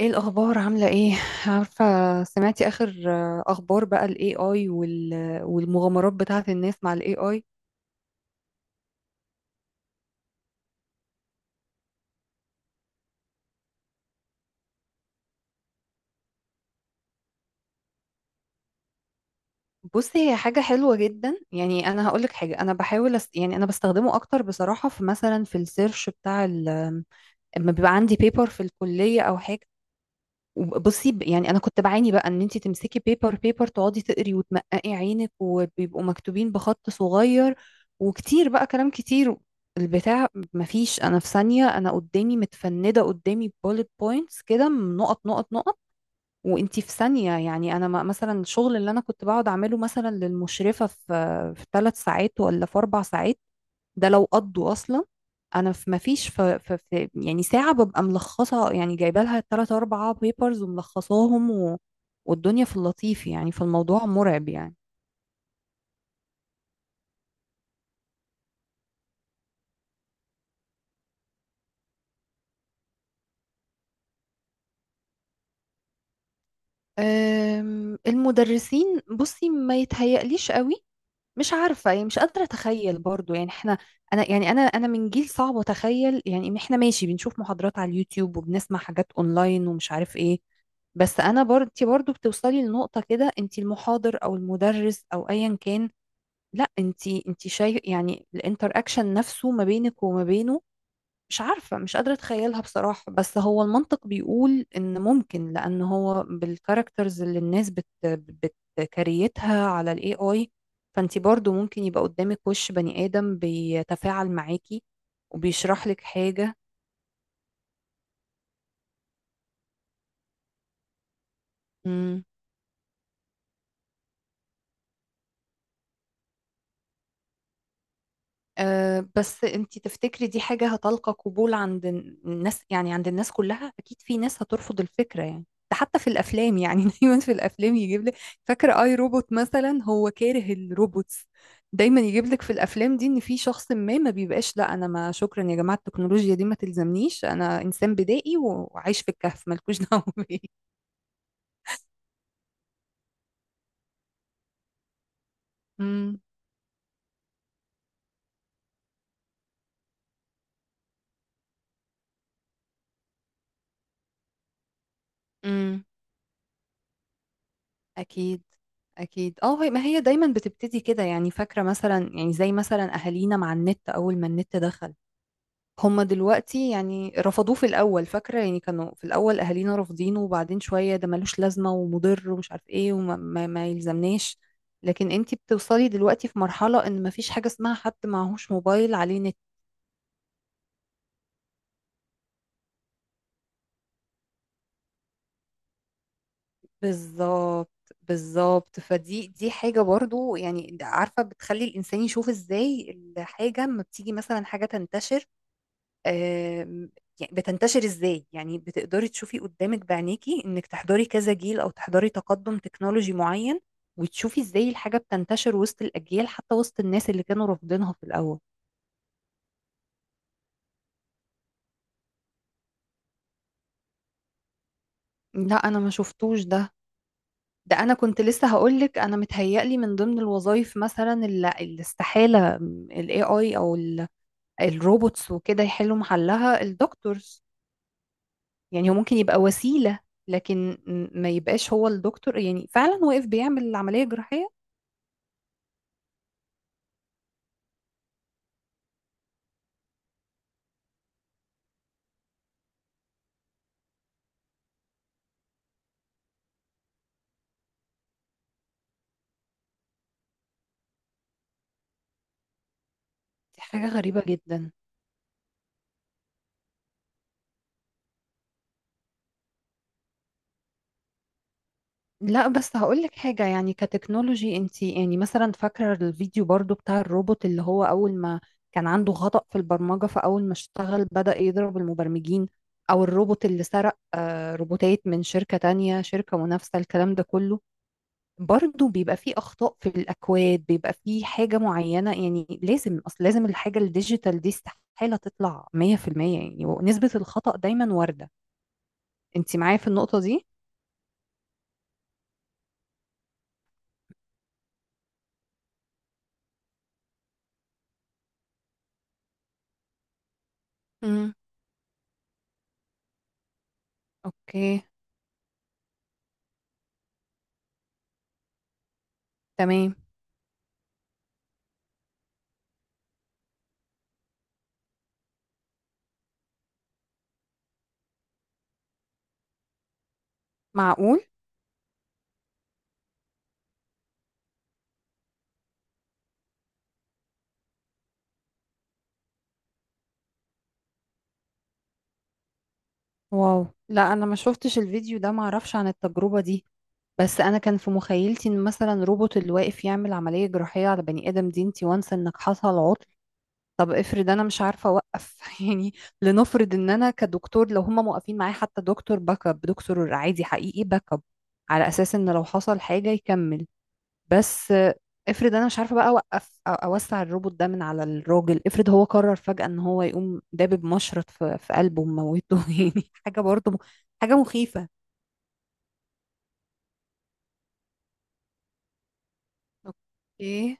ايه الاخبار؟ عامله ايه؟ عارفه، سمعتي اخر اخبار بقى الاي اي؟ والمغامرات بتاعه الناس مع الاي اي؟ بصي، هي حاجه حلوه جدا يعني. انا هقول لك حاجه، انا بحاول يعني انا بستخدمه اكتر بصراحه في، مثلا، في السيرش بتاع لما بيبقى عندي بيبر في الكليه او حاجه. بصي، يعني انا كنت بعاني بقى ان انت تمسكي بيبر بيبر، تقعدي تقري وتمققي عينك، وبيبقوا مكتوبين بخط صغير وكتير، بقى كلام كتير، البتاع، مفيش. انا في ثانية، انا قدامي متفندة قدامي bullet points كده، نقط نقط نقط. وانتي في ثانية يعني. انا مثلا الشغل اللي انا كنت بقعد اعمله مثلا للمشرفة في في 3 ساعات ولا في 4 ساعات، ده لو قضوا اصلا. انا في، مفيش، في يعني ساعه ببقى ملخصه، يعني جايبه لها 3 4 بيبرز وملخصاهم والدنيا في اللطيف يعني، فالموضوع مرعب يعني. المدرسين، بصي، ما يتهيأليش قوي. مش عارفه يعني، مش قادره اتخيل برضو يعني. احنا، انا يعني، انا من جيل صعب اتخيل يعني إن احنا ماشي بنشوف محاضرات على اليوتيوب وبنسمع حاجات اونلاين ومش عارف ايه. بس انا برضو، انت برضو بتوصلي لنقطه كده، انت المحاضر او المدرس او ايا كان، لا، انت شايف يعني الانتر اكشن نفسه ما بينك وما بينه. مش عارفة، مش قادرة اتخيلها بصراحة، بس هو المنطق بيقول ان ممكن، لان هو بالكاركترز اللي الناس بتكريتها على الاي اي، فانت برضو ممكن يبقى قدامك وش بني ادم بيتفاعل معاكي وبيشرح لك حاجة. أه، بس انتي تفتكري دي حاجة هتلقى قبول عند الناس يعني؟ عند الناس كلها، اكيد في ناس هترفض الفكرة يعني. ده حتى في الافلام يعني دايما في الافلام يجيب لك، فاكرة اي روبوت مثلا هو كاره الروبوتس، دايما يجيب لك في الافلام دي ان في شخص ما، ما بيبقاش، لا انا، ما، شكرا يا جماعة، التكنولوجيا دي ما تلزمنيش، انا انسان بدائي وعايش في الكهف، مالكوش دعوة بيا. امم. أكيد. أكيد، اه. ما هي دايما بتبتدي كده يعني، فاكرة مثلا، يعني زي مثلا أهالينا مع النت، أول ما النت دخل، هما دلوقتي يعني رفضوه في الأول. فاكرة، يعني كانوا في الأول أهالينا رافضينه، وبعدين شوية ده ملوش لازمة ومضر ومش عارف إيه وما ما ما يلزمناش. لكن انتي بتوصلي دلوقتي في مرحلة إن مفيش حاجة اسمها حد معهوش موبايل عليه نت. بالظبط. بالظبط، فدي دي حاجة برضو يعني. عارفة، بتخلي الإنسان يشوف إزاي الحاجة لما بتيجي، مثلا، حاجة تنتشر. آم، يعني بتنتشر ازاي، يعني بتقدري تشوفي قدامك بعينيكي انك تحضري كذا جيل او تحضري تقدم تكنولوجي معين، وتشوفي ازاي الحاجة بتنتشر وسط الاجيال حتى وسط الناس اللي كانوا رافضينها في الاول. لا، انا ما شفتوش ده. ده انا كنت لسه هقولك، انا متهيألي من ضمن الوظائف مثلا اللي استحالة ال AI او الروبوتس وكده يحلوا محلها الدكتورز. يعني هو ممكن يبقى وسيلة، لكن ما يبقاش هو الدكتور، يعني فعلا واقف بيعمل العملية الجراحية. دي حاجة غريبة جدا. لا، بس هقولك حاجة، يعني كتكنولوجي، انتي يعني مثلا فاكرة الفيديو برضو بتاع الروبوت اللي هو أول ما كان عنده خطأ في البرمجة، فأول ما اشتغل بدأ يضرب المبرمجين. أو الروبوت اللي سرق روبوتات من شركة تانية، شركة منافسة، الكلام ده كله، برضو بيبقى فيه أخطاء في الأكواد، بيبقى فيه حاجة معينة. يعني لازم أصل، لازم، الحاجة الديجيتال دي استحالة تطلع 100%، يعني، ونسبة الخطأ دايما واردة. انتي معايا في النقطة دي؟ مم. اوكي. تمام. معقول. واو، لا انا ما شفتش الفيديو ده، ما اعرفش عن التجربة دي. بس انا كان في مخيلتي ان مثلا روبوت اللي واقف يعمل عملية جراحية على بني ادم، دي انتي وانس انك حصل عطل. طب افرض انا مش عارفة اوقف يعني. لنفرض ان انا كدكتور، لو هما موقفين معايا حتى دكتور باك اب، دكتور عادي حقيقي باك اب، على اساس ان لو حصل حاجة يكمل. بس افرض انا مش عارفه بقى اوقف، أو اوسع الروبوت ده من على الراجل، افرض هو قرر فجأة ان هو يقوم دابب مشرط في قلبه وموته يعني. حاجه برضه حاجه مخيفه. اوكي.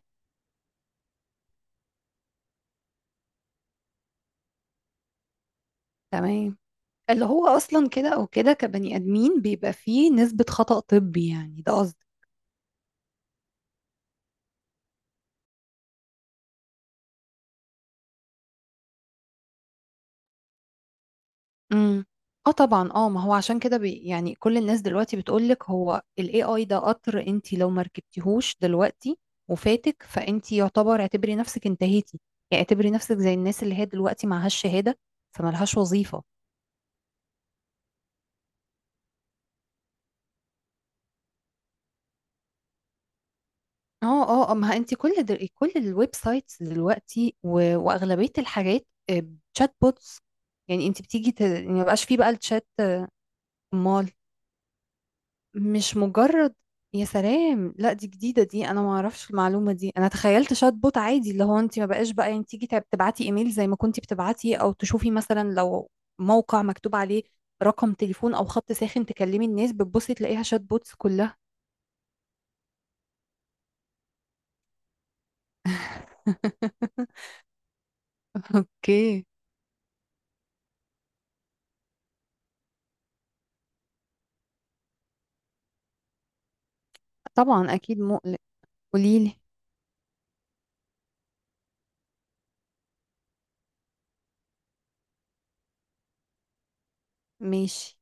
تمام. اللي هو اصلا كده او كده كبني ادمين بيبقى فيه نسبه خطأ طبي يعني، ده. امم. اه، طبعا، اه ما هو عشان كده يعني كل الناس دلوقتي بتقولك هو ال AI ده قطر، انت لو ما ركبتيهوش دلوقتي وفاتك، فانت يعتبر، اعتبري نفسك انتهيتي. يعني اعتبري نفسك زي الناس اللي هي دلوقتي معهاش شهادة فمالهاش وظيفة. اه، اه، ما انت كل الويب سايتس دلوقتي واغلبية الحاجات تشات بوتس يعني. انت بتيجي يعني ما بقاش فيه بقى الشات. مش مجرد؟ يا سلام، لا دي جديدة دي، انا ما اعرفش المعلومة دي. انا تخيلت شات بوت عادي، اللي هو انت ما بقاش بقى، يعني، تيجي تبعتي ايميل زي ما كنتي بتبعتي، او تشوفي مثلا لو موقع مكتوب عليه رقم تليفون او خط ساخن تكلمي الناس، بتبصي تلاقيها شات بوتس كلها. اوكي. طبعا، اكيد مقلق. قوليلي. ماشي.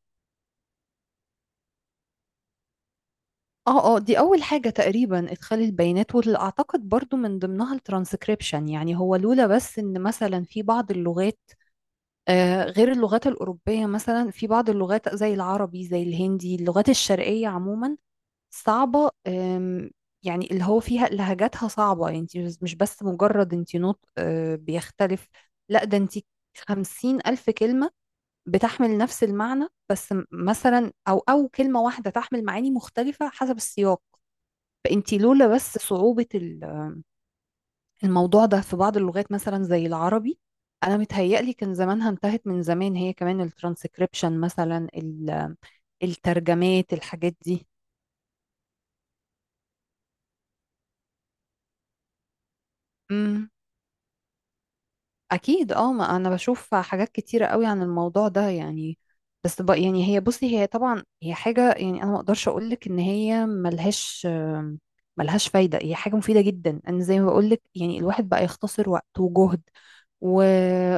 اه، اه، دي اول حاجة تقريبا، ادخال البيانات، واللي اعتقد برضو من ضمنها الترانسكريبشن. يعني هو لولا بس ان مثلا في بعض اللغات، غير اللغات الأوروبية، مثلا في بعض اللغات زي العربي زي الهندي، اللغات الشرقية عموما صعبة. يعني اللي هو فيها لهجاتها صعبة، يعني انت مش بس مجرد، انت نطق بيختلف، لا ده انت 50,000 كلمة بتحمل نفس المعنى، بس مثلا أو كلمة واحدة تحمل معاني مختلفة حسب السياق. فانت لولا بس صعوبة الموضوع ده في بعض اللغات مثلا زي العربي، انا متهيألي كان زمانها انتهت من زمان، هي كمان الترانسكريبشن مثلا، الترجمات، الحاجات دي. امم. اكيد، اه، ما انا بشوف حاجات كتيره قوي عن الموضوع ده يعني. بس بقى يعني، بصي، هي طبعا هي حاجه يعني، انا ما اقدرش اقول لك ان هي ملهاش ملهاش فايده. هي حاجه مفيده جدا، انا زي ما بقول لك، يعني الواحد بقى يختصر وقت وجهد و...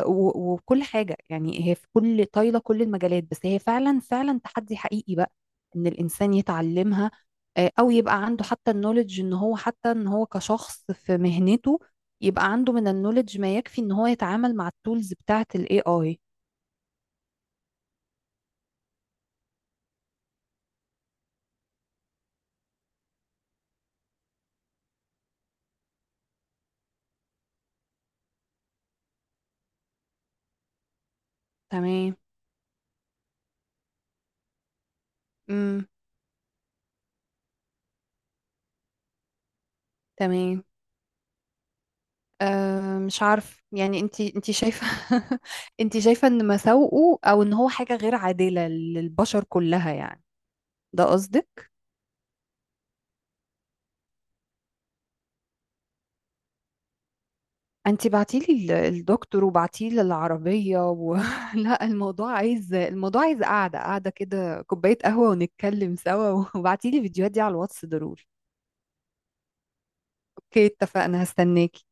وكل حاجه يعني، هي في كل طايله، كل المجالات، بس هي فعلا فعلا تحدي حقيقي بقى ان الانسان يتعلمها، او يبقى عنده حتى النولج، ان هو، حتى ان هو كشخص في مهنته، يبقى عنده من النولج ما يكفي ان هو يتعامل مع التولز بتاعة الاي اي. تمام. امم. تمام. أه، مش عارف يعني، انت شايفة انت شايفة ان مساوئه، او ان هو حاجة غير عادلة للبشر كلها يعني؟ ده قصدك؟ انت بعتيلي الدكتور، وبعتيلي العربية لا الموضوع عايز، الموضوع عايز قعدة، قعدة كده، كوباية قهوة ونتكلم سوا وبعتيلي الفيديوهات دي على الواتس ضروري. اوكي، اتفقنا، هستناكي.